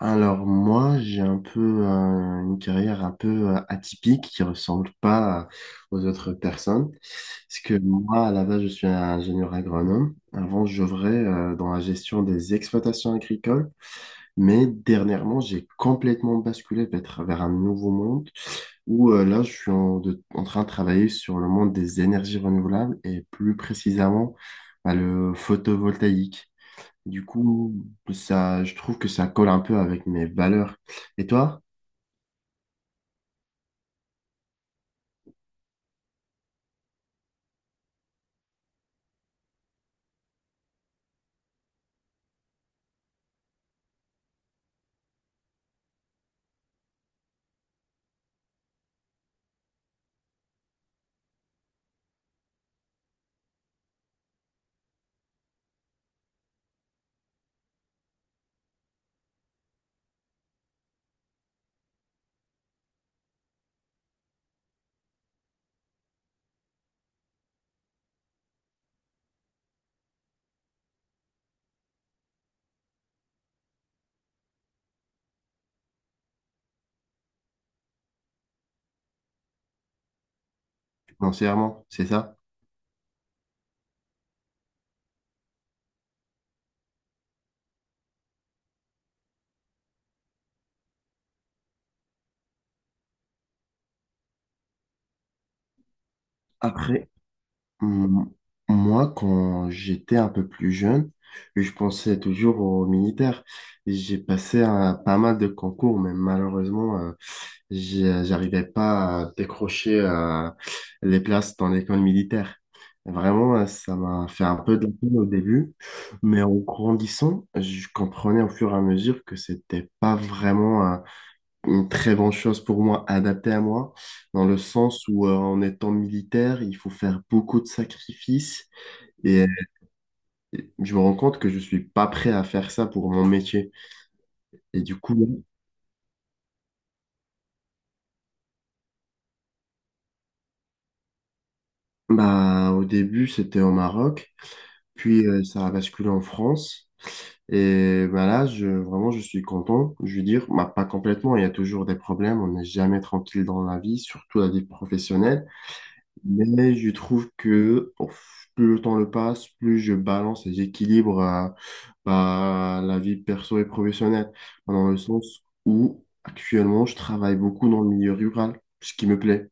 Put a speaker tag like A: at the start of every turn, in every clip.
A: Alors moi, j'ai un peu une carrière un peu atypique qui ressemble pas aux autres personnes. Parce que moi, à la base, je suis un ingénieur agronome. Avant, j'œuvrais dans la gestion des exploitations agricoles, mais dernièrement, j'ai complètement basculé vers un nouveau monde où là, je suis en train de travailler sur le monde des énergies renouvelables et plus précisément bah, le photovoltaïque. Du coup, ça, je trouve que ça colle un peu avec mes valeurs. Et toi, financièrement, c'est ça? Après, M- Moi, quand j'étais un peu plus jeune, je pensais toujours aux militaires. J'ai passé pas mal de concours, mais malheureusement, j'arrivais pas à décrocher les places dans l'école militaire. Vraiment, ça m'a fait un peu de la peine au début, mais en grandissant, je comprenais au fur et à mesure que c'était pas vraiment une très bonne chose pour moi, adaptée à moi, dans le sens où en étant militaire, il faut faire beaucoup de sacrifices et je me rends compte que je suis pas prêt à faire ça pour mon métier. Et du coup, bah, au début, c'était au Maroc, puis ça a basculé en France. Et bah là, je, vraiment, je suis content. Je veux dire, bah, pas complètement, il y a toujours des problèmes, on n'est jamais tranquille dans la vie, surtout la vie professionnelle. Mais je trouve que oh, plus le temps le passe, plus je balance et j'équilibre bah, la vie perso et professionnelle. Dans le sens où actuellement je travaille beaucoup dans le milieu rural, ce qui me plaît.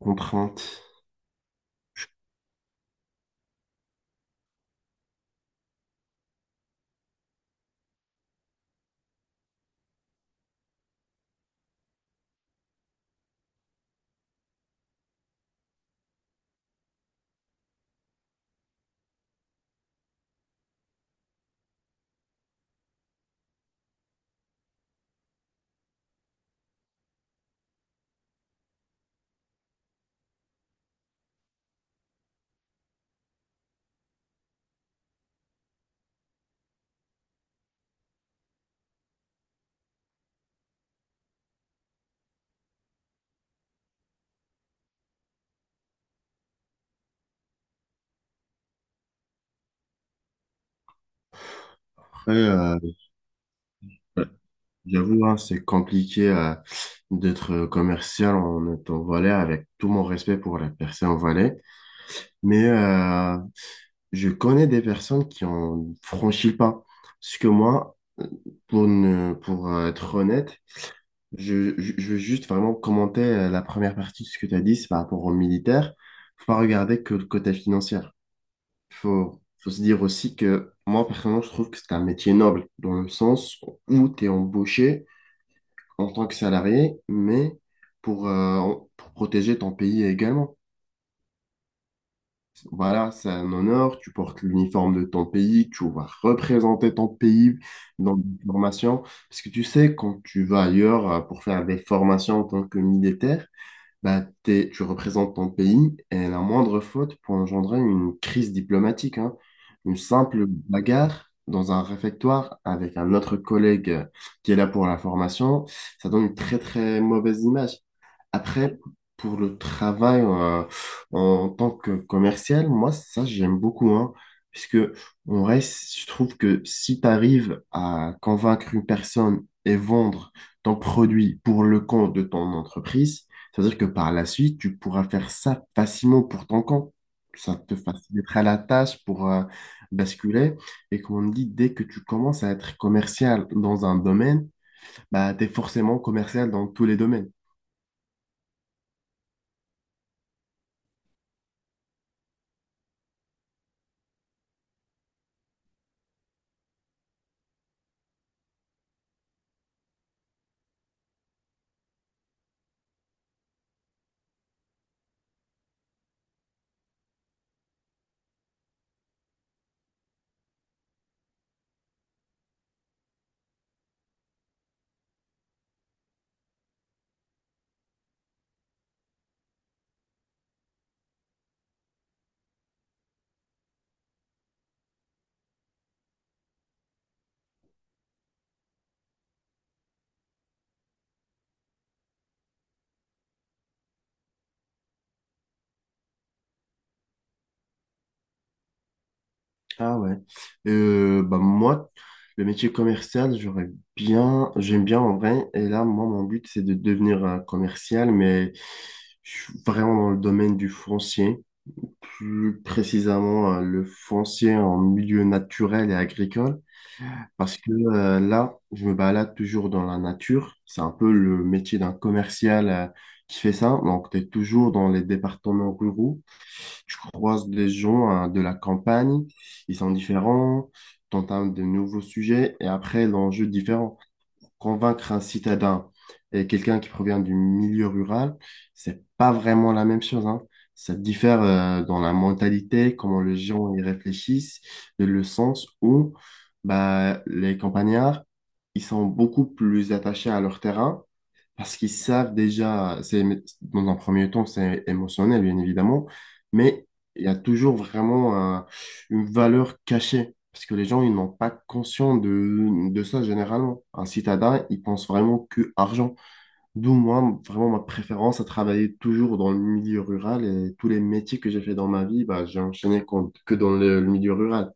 A: Contrainte. Après, j'avoue, hein, c'est compliqué d'être commercial en étant Valais, avec tout mon respect pour les personnes en Valais. Mais je connais des personnes qui ont franchi le pas. Parce que moi, pour, ne, pour être honnête, je veux juste vraiment commenter la première partie de ce que tu as dit, c'est par rapport aux militaires. Faut pas regarder que le côté financier. Faut se dire aussi que moi, personnellement, je trouve que c'est un métier noble, dans le sens où tu es embauché en tant que salarié, mais pour protéger ton pays également. Voilà, c'est un honneur. Tu portes l'uniforme de ton pays, tu vas représenter ton pays dans des formations. Parce que tu sais, quand tu vas ailleurs pour faire des formations en tant que militaire, bah, tu représentes ton pays et la moindre faute peut engendrer une crise diplomatique, hein. Une simple bagarre dans un réfectoire avec un autre collègue qui est là pour la formation, ça donne une très très mauvaise image. Après, pour le travail en tant que commercial, moi, ça, j'aime beaucoup, hein, puisque on reste, je trouve que si tu arrives à convaincre une personne et vendre ton produit pour le compte de ton entreprise, c'est-à-dire que par la suite, tu pourras faire ça facilement pour ton compte. Ça te facilitera la tâche pour basculer. Et comme on dit, dès que tu commences à être commercial dans un domaine, bah, tu es forcément commercial dans tous les domaines. Ah ouais. Bah moi, le métier commercial, j'aime bien en vrai. Et là, moi, mon but, c'est de devenir commercial, mais je suis vraiment dans le domaine du foncier. Plus précisément, le foncier en milieu naturel et agricole. Parce que là, je me balade toujours dans la nature. C'est un peu le métier d'un commercial qui fait ça. Donc, tu es toujours dans les départements ruraux. Tu croises des gens hein, de la campagne. Ils sont différents. Tu entames de nouveaux sujets. Et après, l'enjeu est différent, convaincre un citadin et quelqu'un qui provient du milieu rural, c'est pas vraiment la même chose, hein. Ça diffère dans la mentalité, comment les gens y réfléchissent, et le sens où bah, les campagnards, ils sont beaucoup plus attachés à leur terrain parce qu'ils savent déjà, dans un premier temps, c'est émotionnel, bien évidemment, mais il y a toujours vraiment une valeur cachée. Parce que les gens, ils n'ont pas conscience de ça généralement. Un citadin, il pense vraiment que argent. D'où moi, vraiment ma préférence à travailler toujours dans le milieu rural et tous les métiers que j'ai fait dans ma vie, bah, j'ai enchaîné que dans le milieu rural.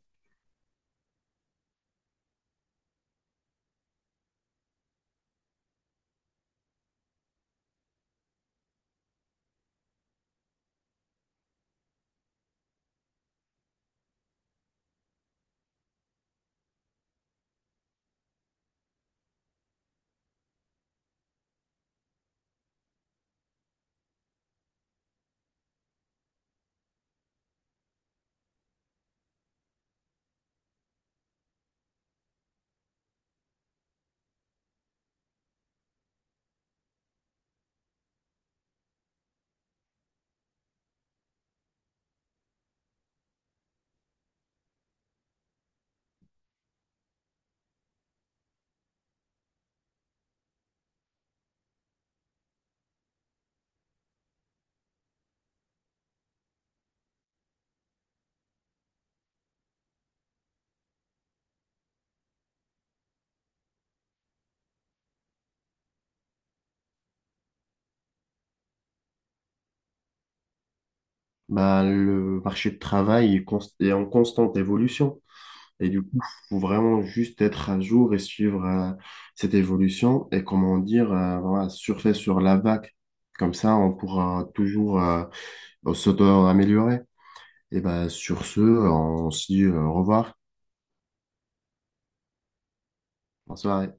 A: Bah, le marché de travail est est en constante évolution. Et du coup, faut vraiment juste être à jour et suivre cette évolution et comment dire, voilà, surfer sur la vague. Comme ça, on pourra toujours s'auto-améliorer. Et ben sur ce, on se dit au revoir. Bonsoir.